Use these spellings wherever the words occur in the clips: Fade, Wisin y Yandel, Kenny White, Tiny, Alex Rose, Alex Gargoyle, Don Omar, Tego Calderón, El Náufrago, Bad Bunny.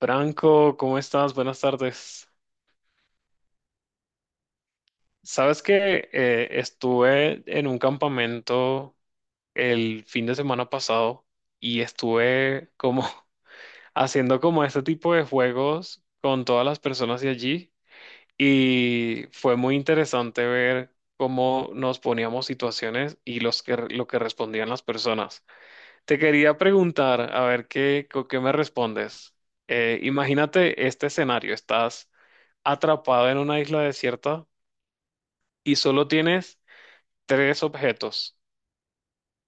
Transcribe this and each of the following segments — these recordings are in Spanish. Franco, ¿cómo estás? Buenas tardes. Sabes que estuve en un campamento el fin de semana pasado y estuve como haciendo como este tipo de juegos con todas las personas de allí y fue muy interesante ver cómo nos poníamos situaciones y lo que respondían las personas. Te quería preguntar, a ver qué me respondes. Imagínate este escenario, estás atrapado en una isla desierta y solo tienes tres objetos.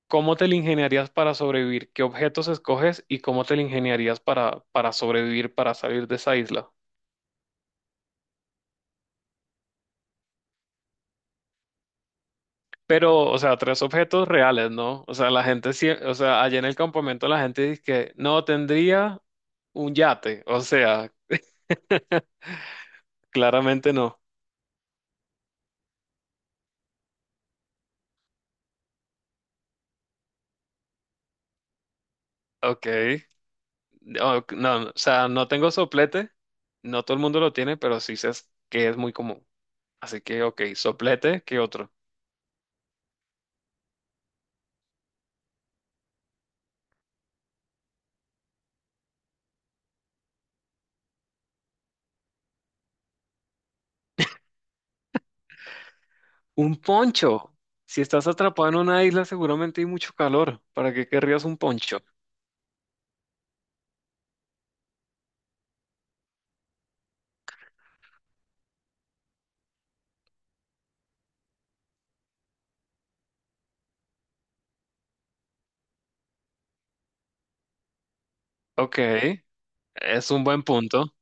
¿Cómo te la ingeniarías para sobrevivir? ¿Qué objetos escoges y cómo te la ingeniarías para sobrevivir, para salir de esa isla? Pero, o sea, tres objetos reales, ¿no? O sea, o sea, allá en el campamento la gente dice que no tendría un yate, o sea, claramente no. Ok. No, no, o sea, no tengo soplete, no todo el mundo lo tiene, pero sí sé que es muy común. Así que, ok, soplete, ¿qué otro? Un poncho. Si estás atrapado en una isla, seguramente hay mucho calor. ¿Para qué querrías un poncho? Ok, es un buen punto.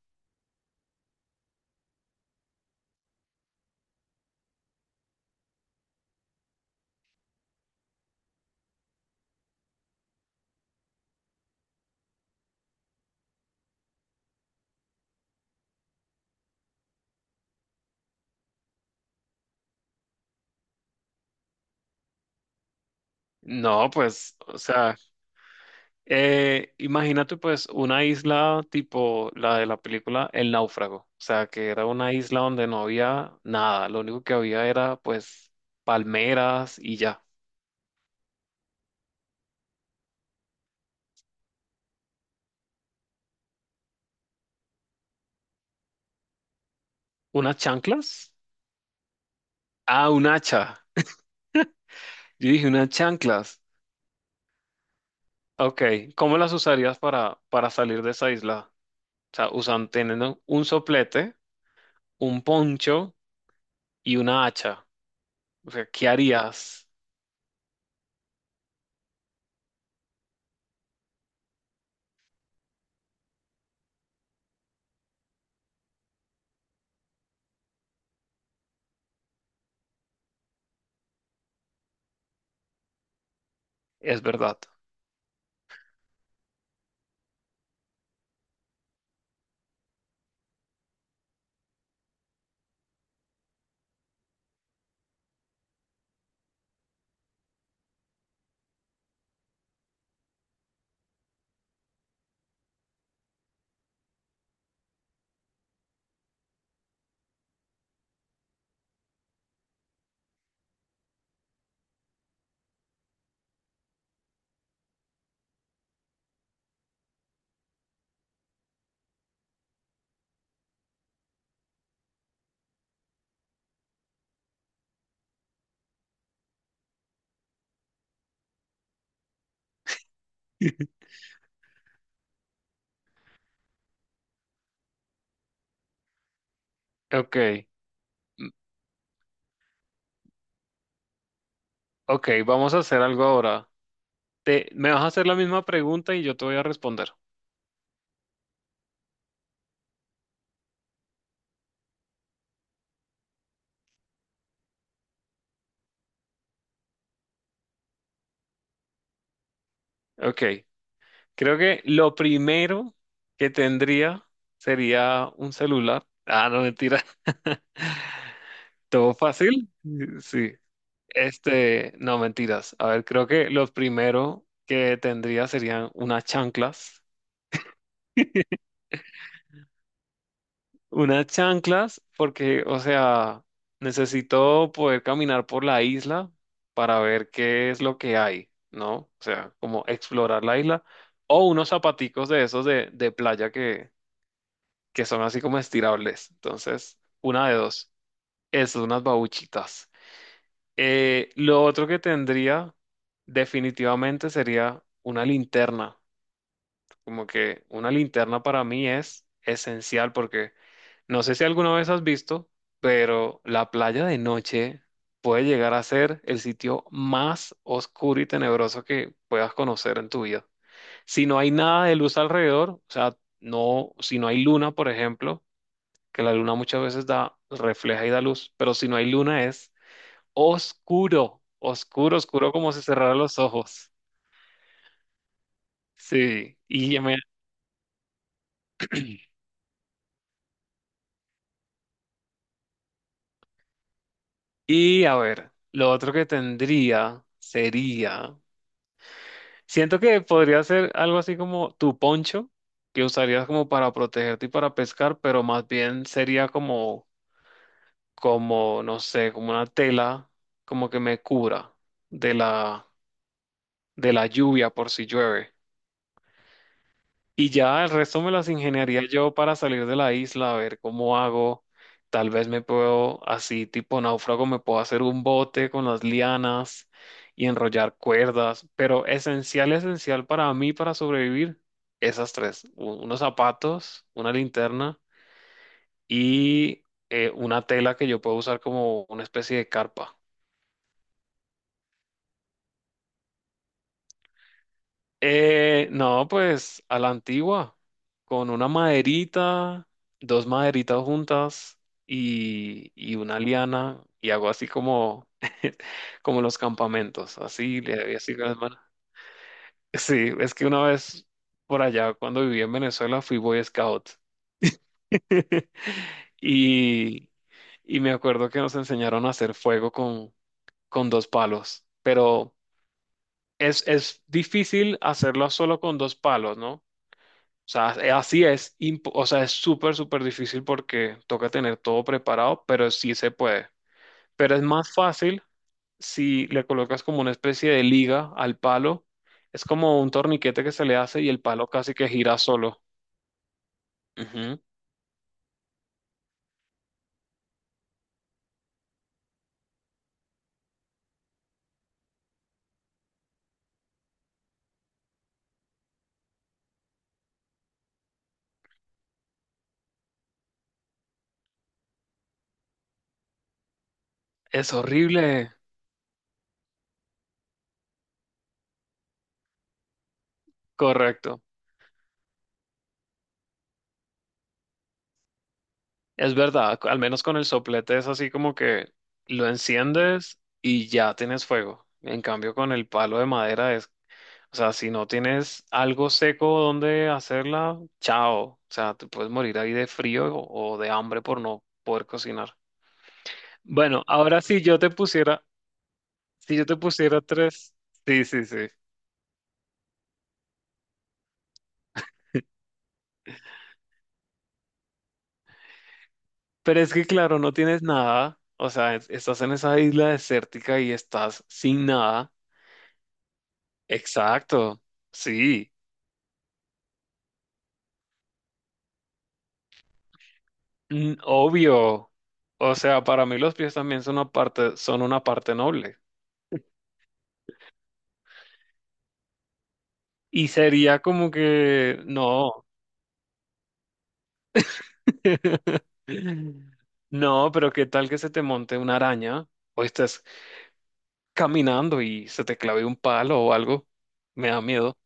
No, pues, o sea, imagínate pues una isla tipo la de la película El Náufrago, o sea, que era una isla donde no había nada, lo único que había era pues palmeras y ya. ¿Unas chanclas? Ah, un hacha. Yo dije unas chanclas. Ok, ¿cómo las usarías para salir de esa isla? O sea, usan, teniendo un soplete, un poncho y una hacha. O sea, ¿qué harías? Es verdad. Ok, mm, ok, vamos a hacer algo ahora. Me vas a hacer la misma pregunta y yo te voy a responder. Ok, creo que lo primero que tendría sería un celular. Ah, no, mentira. ¿Todo fácil? Mm, sí. Este, no, mentiras. A ver, creo que los primero que tendría serían unas chanclas. Unas chanclas, porque, o sea, necesito poder caminar por la isla para ver qué es lo que hay, ¿no? O sea, como explorar la isla. O unos zapaticos de esos de playa que son así como estirables. Entonces, una de dos. Es unas babuchitas. Lo otro que tendría definitivamente sería una linterna. Como que una linterna para mí es esencial porque no sé si alguna vez has visto, pero la playa de noche puede llegar a ser el sitio más oscuro y tenebroso que puedas conocer en tu vida. Si no hay nada de luz alrededor, o sea, no, si no hay luna, por ejemplo, que la luna muchas veces da, refleja y da luz, pero si no hay luna es oscuro, oscuro, oscuro como si cerrara los ojos. Sí, y, ya me- y a ver, lo otro que tendría sería, siento que podría ser algo así como tu poncho, que usarías como para protegerte y para pescar, pero más bien sería como, como, no sé, como una tela, como que me cubra de de la lluvia por si llueve. Y ya el resto me las ingeniaría yo para salir de la isla, a ver cómo hago. Tal vez me puedo, así tipo náufrago, me puedo hacer un bote con las lianas y enrollar cuerdas. Pero esencial, esencial para mí, para sobrevivir, esas tres. Unos zapatos, una linterna y una tela que yo puedo usar como una especie de carpa. No, pues a la antigua, con una maderita, dos maderitas juntas y una liana, y hago así como, como los campamentos, así le doy así con las manos. Sí, es que una vez por allá, cuando viví en Venezuela, fui Boy Scout. Y, y me acuerdo que nos enseñaron a hacer fuego con dos palos, pero es difícil hacerlo solo con dos palos, ¿no? O sea, así es, o sea, es súper, súper difícil porque toca tener todo preparado, pero sí se puede. Pero es más fácil si le colocas como una especie de liga al palo. Es como un torniquete que se le hace y el palo casi que gira solo. Ujú. Es horrible. Correcto. Es verdad, al menos con el soplete es así como que lo enciendes y ya tienes fuego. En cambio, con el palo de madera es, o sea, si no tienes algo seco donde hacerla, chao. O sea, te puedes morir ahí de frío o de hambre por no poder cocinar. Bueno, ahora si yo te pusiera, si yo te pusiera tres, sí, sí, sí. Pero es que claro, no tienes nada. O sea, estás en esa isla desértica y estás sin nada. Exacto. Sí. Mm, obvio. O sea, para mí los pies también son son una parte noble. Y sería como que no. No, pero ¿qué tal que se te monte una araña? O estás caminando y se te clave un palo o algo. Me da miedo.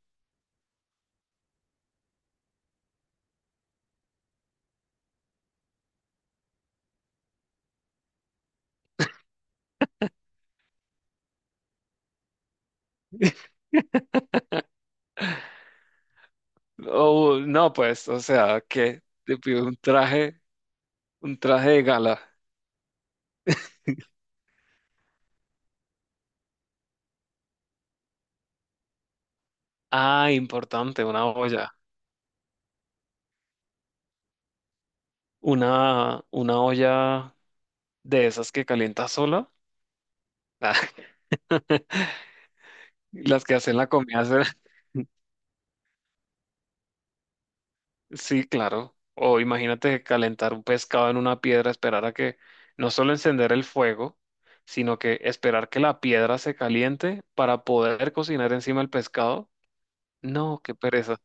O no, pues, o sea, que te pido un traje de gala. Ah, importante, una olla. Una olla de esas que calienta sola. Las que hacen la comida sola. Sí, claro. O imagínate calentar un pescado en una piedra, esperar a que no solo encender el fuego, sino que esperar que la piedra se caliente para poder cocinar encima el pescado. No, qué pereza.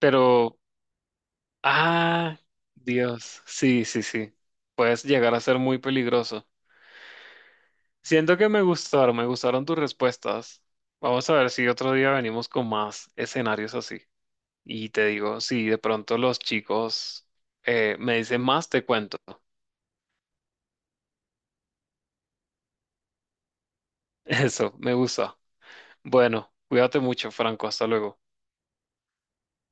Pero, ah, Dios, sí, sí, sí. Puedes llegar a ser muy peligroso. Siento que me gustaron tus respuestas. Vamos a ver si otro día venimos con más escenarios así. Y te digo, si de pronto los chicos me dicen más, te cuento. Eso, me gusta. Bueno, cuídate mucho, Franco. Hasta luego.